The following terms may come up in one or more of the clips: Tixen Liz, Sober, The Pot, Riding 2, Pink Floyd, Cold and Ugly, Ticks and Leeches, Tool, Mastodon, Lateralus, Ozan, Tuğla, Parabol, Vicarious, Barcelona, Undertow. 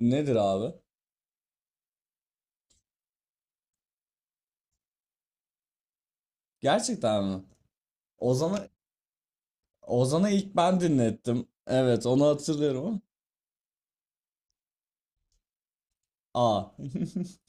Nedir abi? Gerçekten mi? Ozan'a Ozan'a ilk ben dinlettim. Evet, onu hatırlıyorum ama. Aa.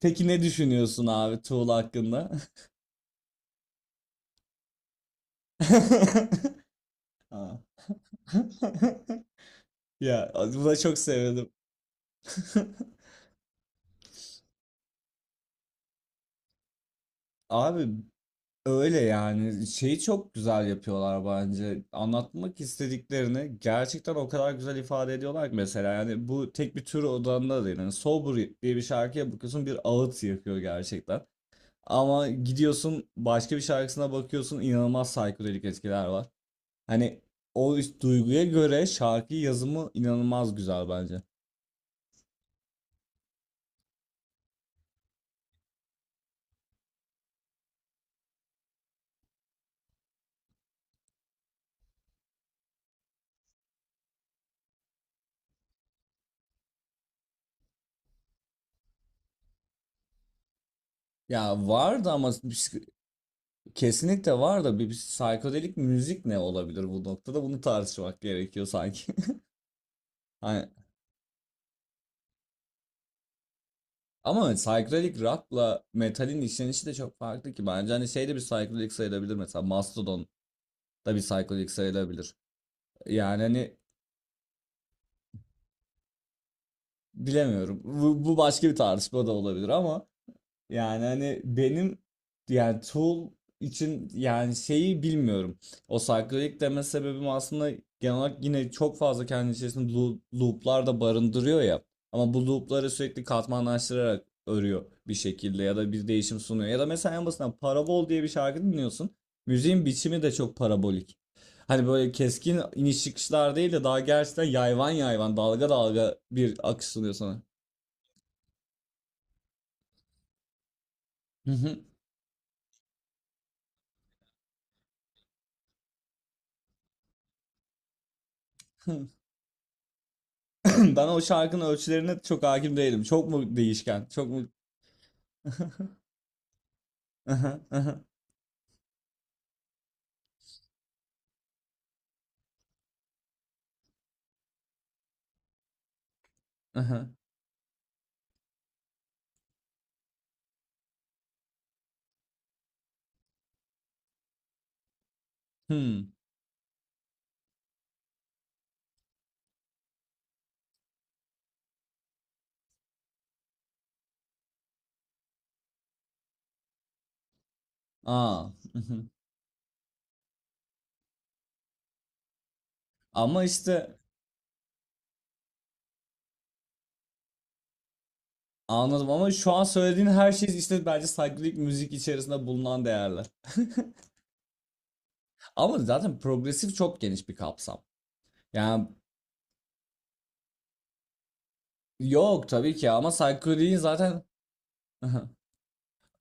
Peki ne düşünüyorsun abi Tuğla hakkında? Aa. Ya buna çok sevindim. Abi öyle yani şeyi çok güzel yapıyorlar bence. Anlatmak istediklerini gerçekten o kadar güzel ifade ediyorlar ki mesela yani bu tek bir tür odanda değil. Yani Sober diye bir şarkıya bakıyorsun, bir ağıt yakıyor gerçekten. Ama gidiyorsun başka bir şarkısına bakıyorsun, inanılmaz psikodelik etkiler var. Hani o duyguya göre şarkı yazımı inanılmaz güzel bence. Ya vardı ama kesinlikle var da bir psikodelik müzik ne olabilir bu noktada, bunu tartışmak gerekiyor sanki. Hani, ama psikodelik rock'la metalin işlenişi de çok farklı ki bence, hani şey de bir psikodelik sayılabilir, mesela Mastodon da bir psikodelik sayılabilir. Yani hani bilemiyorum, bu başka bir tartışma da olabilir ama yani hani benim, yani Tool için yani şeyi bilmiyorum. O cyclic deme sebebim aslında genel olarak yine çok fazla kendi içerisinde looplar da barındırıyor ya. Ama bu loopları sürekli katmanlaştırarak örüyor bir şekilde, ya da bir değişim sunuyor. Ya da mesela en basitinden Parabol diye bir şarkı dinliyorsun. Müziğin biçimi de çok parabolik. Hani böyle keskin iniş çıkışlar değil de daha gerçekten yayvan yayvan, dalga dalga bir akış sunuyor sana. Bana o şarkının ölçülerine çok hakim değilim. Çok mu değişken? Çok mu... Aha, aha, aha. Hmm. Aa. Mhm. Ama işte anladım, ama şu an söylediğin her şey işte bence psychedelic müzik içerisinde bulunan değerler. Ama zaten progresif çok geniş bir kapsam. Yani yok tabii ki, ama psychedelic'in zaten...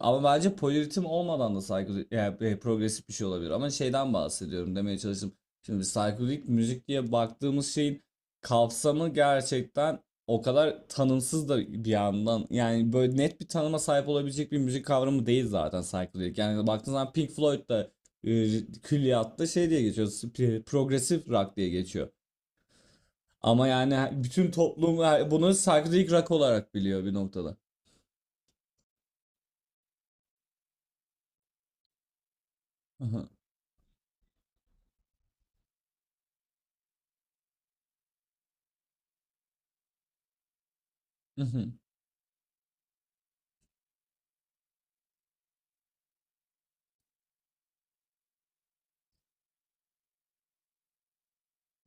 Ama bence poliritim olmadan da psikodelik, yani e, progresif bir şey olabilir. Ama şeyden bahsediyorum demeye çalıştım. Şimdi psikodelik müzik diye baktığımız şeyin kapsamı gerçekten o kadar tanımsız da bir yandan. Yani böyle net bir tanıma sahip olabilecek bir müzik kavramı değil zaten psikodelik. Yani baktığınız zaman Pink Floyd da e, külliyatta şey diye geçiyor. Progresif rock diye geçiyor. Ama yani bütün toplum bunu psikodelik rock olarak biliyor bir noktada. Hı hı, hı hı.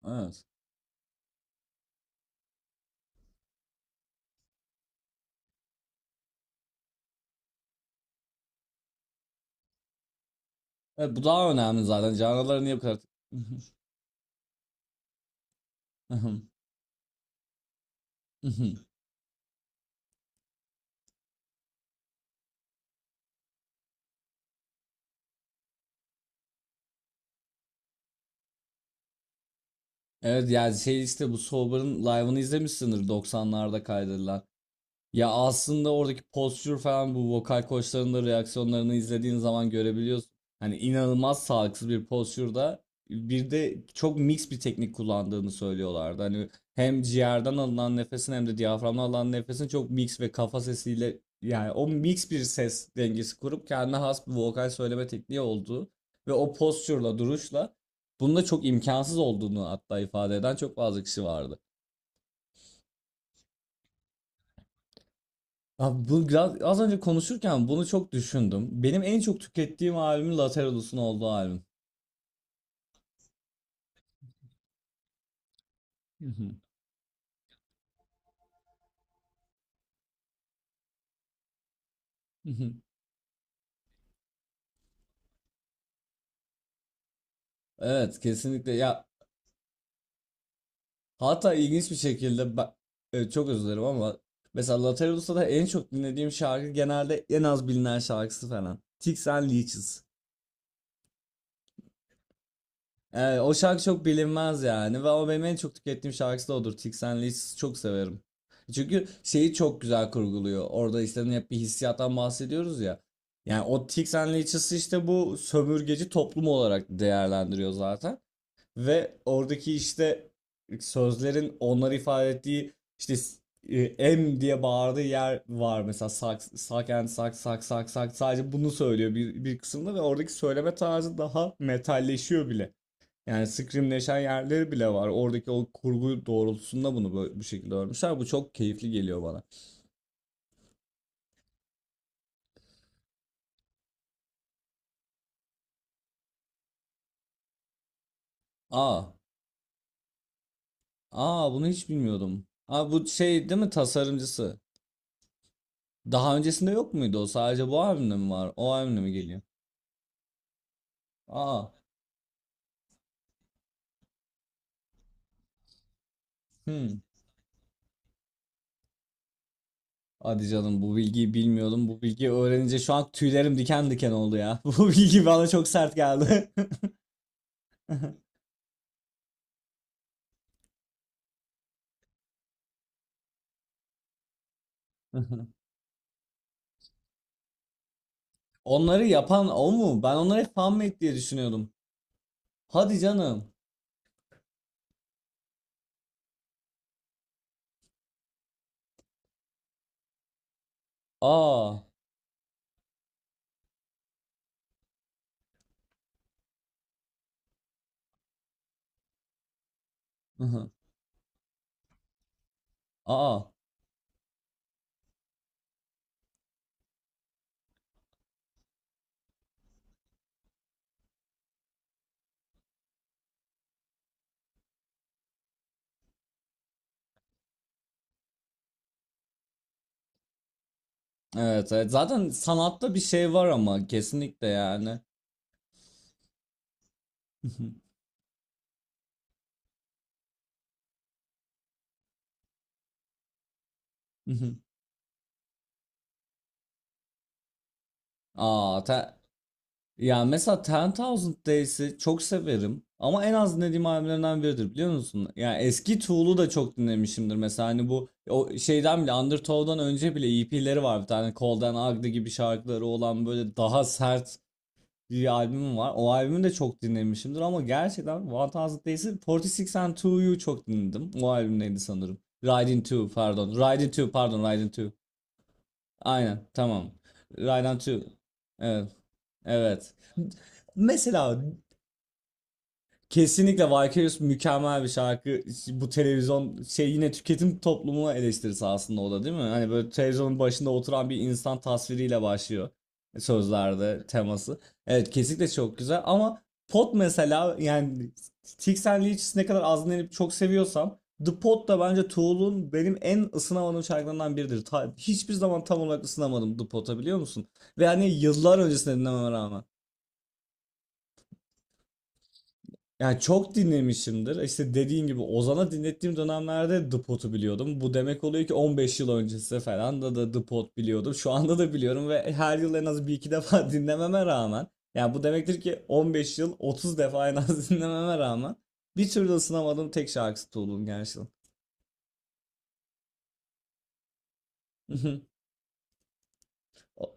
Evet. Evet, bu daha önemli zaten. Canlılara niye bu kadar... Evet yani şey işte bu Sober'ın live'ını izlemişsindir, 90'larda kaydedilen. Ya aslında oradaki postür falan, bu vokal koçların da reaksiyonlarını izlediğin zaman görebiliyorsun. Hani inanılmaz sağlıksız bir postürde, bir de çok mix bir teknik kullandığını söylüyorlardı. Hani hem ciğerden alınan nefesin hem de diyaframdan alınan nefesin çok mix ve kafa sesiyle, yani o mix bir ses dengesi kurup kendine has bir vokal söyleme tekniği olduğu ve o postürle duruşla bunda çok imkansız olduğunu hatta ifade eden çok fazla kişi vardı. Abi bu biraz, az önce konuşurken bunu çok düşündüm. Benim en çok tükettiğim albüm Lateralus'un olduğu albüm. Hı hı. Hı hı. Evet kesinlikle ya, hatta ilginç bir şekilde ben, e, çok özür dilerim ama mesela Lateralus'ta da en çok dinlediğim şarkı genelde en az bilinen şarkısı falan. Ticks and Leeches. Evet, o şarkı çok bilinmez yani, ve o benim en çok tükettiğim şarkısı da odur. Tixen Liz çok severim. Çünkü şeyi çok güzel kurguluyor. Orada işte hep bir hissiyattan bahsediyoruz ya. Yani o Tixen Liz'isi işte bu sömürgeci toplum olarak değerlendiriyor zaten. Ve oradaki işte sözlerin onları ifade ettiği işte e, M diye bağırdığı yer var mesela, sak sak and sak sak sak sak sadece bunu söylüyor bir kısımda, ve oradaki söyleme tarzı daha metalleşiyor bile. Yani scrimleşen yerleri bile var. Oradaki o kurgu doğrultusunda bunu bu şekilde örmüşler. Bu çok keyifli geliyor bana. Aa, aa bunu hiç bilmiyordum. Aa, bu şey değil mi, tasarımcısı? Daha öncesinde yok muydu o? Sadece bu albümde mi var? O albümde mi geliyor? Aa, hmm. Hadi canım, bu bilgiyi bilmiyordum. Bu bilgiyi öğrenince şu an tüylerim diken diken oldu ya. Bu bilgi bana çok sert geldi. Onları yapan o mu? Ben onları hep fanmade diye düşünüyordum. Hadi canım. Aa. Aa. Evet, evet. Zaten sanatta bir şey var ama, kesinlikle yani. Aa, yani mesela Ten Thousand Days'i çok severim ama en az dinlediğim albümlerinden biridir, biliyor musun? Yani eski Tool'u da çok dinlemişimdir. Mesela hani bu o şeyden bile, Undertow'dan önce bile EP'leri var, bir tane Cold and Ugly gibi şarkıları olan, böyle daha sert bir albümüm var. O albümü de çok dinlemişimdir ama gerçekten One Thousand Days'i, 46 and 2'yu çok dinledim. O albüm neydi sanırım. Riding 2 pardon. Riding 2 pardon, Riding 2. Aynen tamam. Riding 2. Evet. Evet. Mesela kesinlikle Vicarious mükemmel bir şarkı. Bu televizyon şey, yine tüketim toplumuna eleştirisi aslında o da değil mi? Hani böyle televizyonun başında oturan bir insan tasviriyle başlıyor sözlerde teması. Evet kesinlikle çok güzel, ama Pot mesela, yani Tix and Leaches'i ne kadar az dinlenip çok seviyorsam, The Pot da bence Tool'un benim en ısınamadığım şarkılarından biridir. Hiçbir zaman tam olarak ısınamadım The Pot'a, biliyor musun? Ve hani yıllar öncesinde dinlememe rağmen. Yani çok dinlemişimdir. İşte dediğin gibi Ozan'a dinlettiğim dönemlerde The Pot'u biliyordum. Bu demek oluyor ki 15 yıl öncesi falan da The Pot biliyordum. Şu anda da biliyorum ve her yıl en az bir iki defa dinlememe rağmen. Yani bu demektir ki 15 yıl, 30 defa en az dinlememe rağmen bir türlü ısınamadığım tek şarkısı Tool'un gerçekten. O-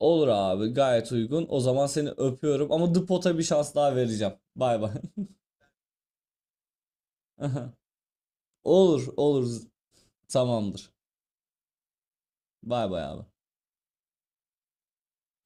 Olur abi, gayet uygun. O zaman seni öpüyorum ama The Pot'a bir şans daha vereceğim. Bay bay. Olur olur, tamamdır. Bay bay abi.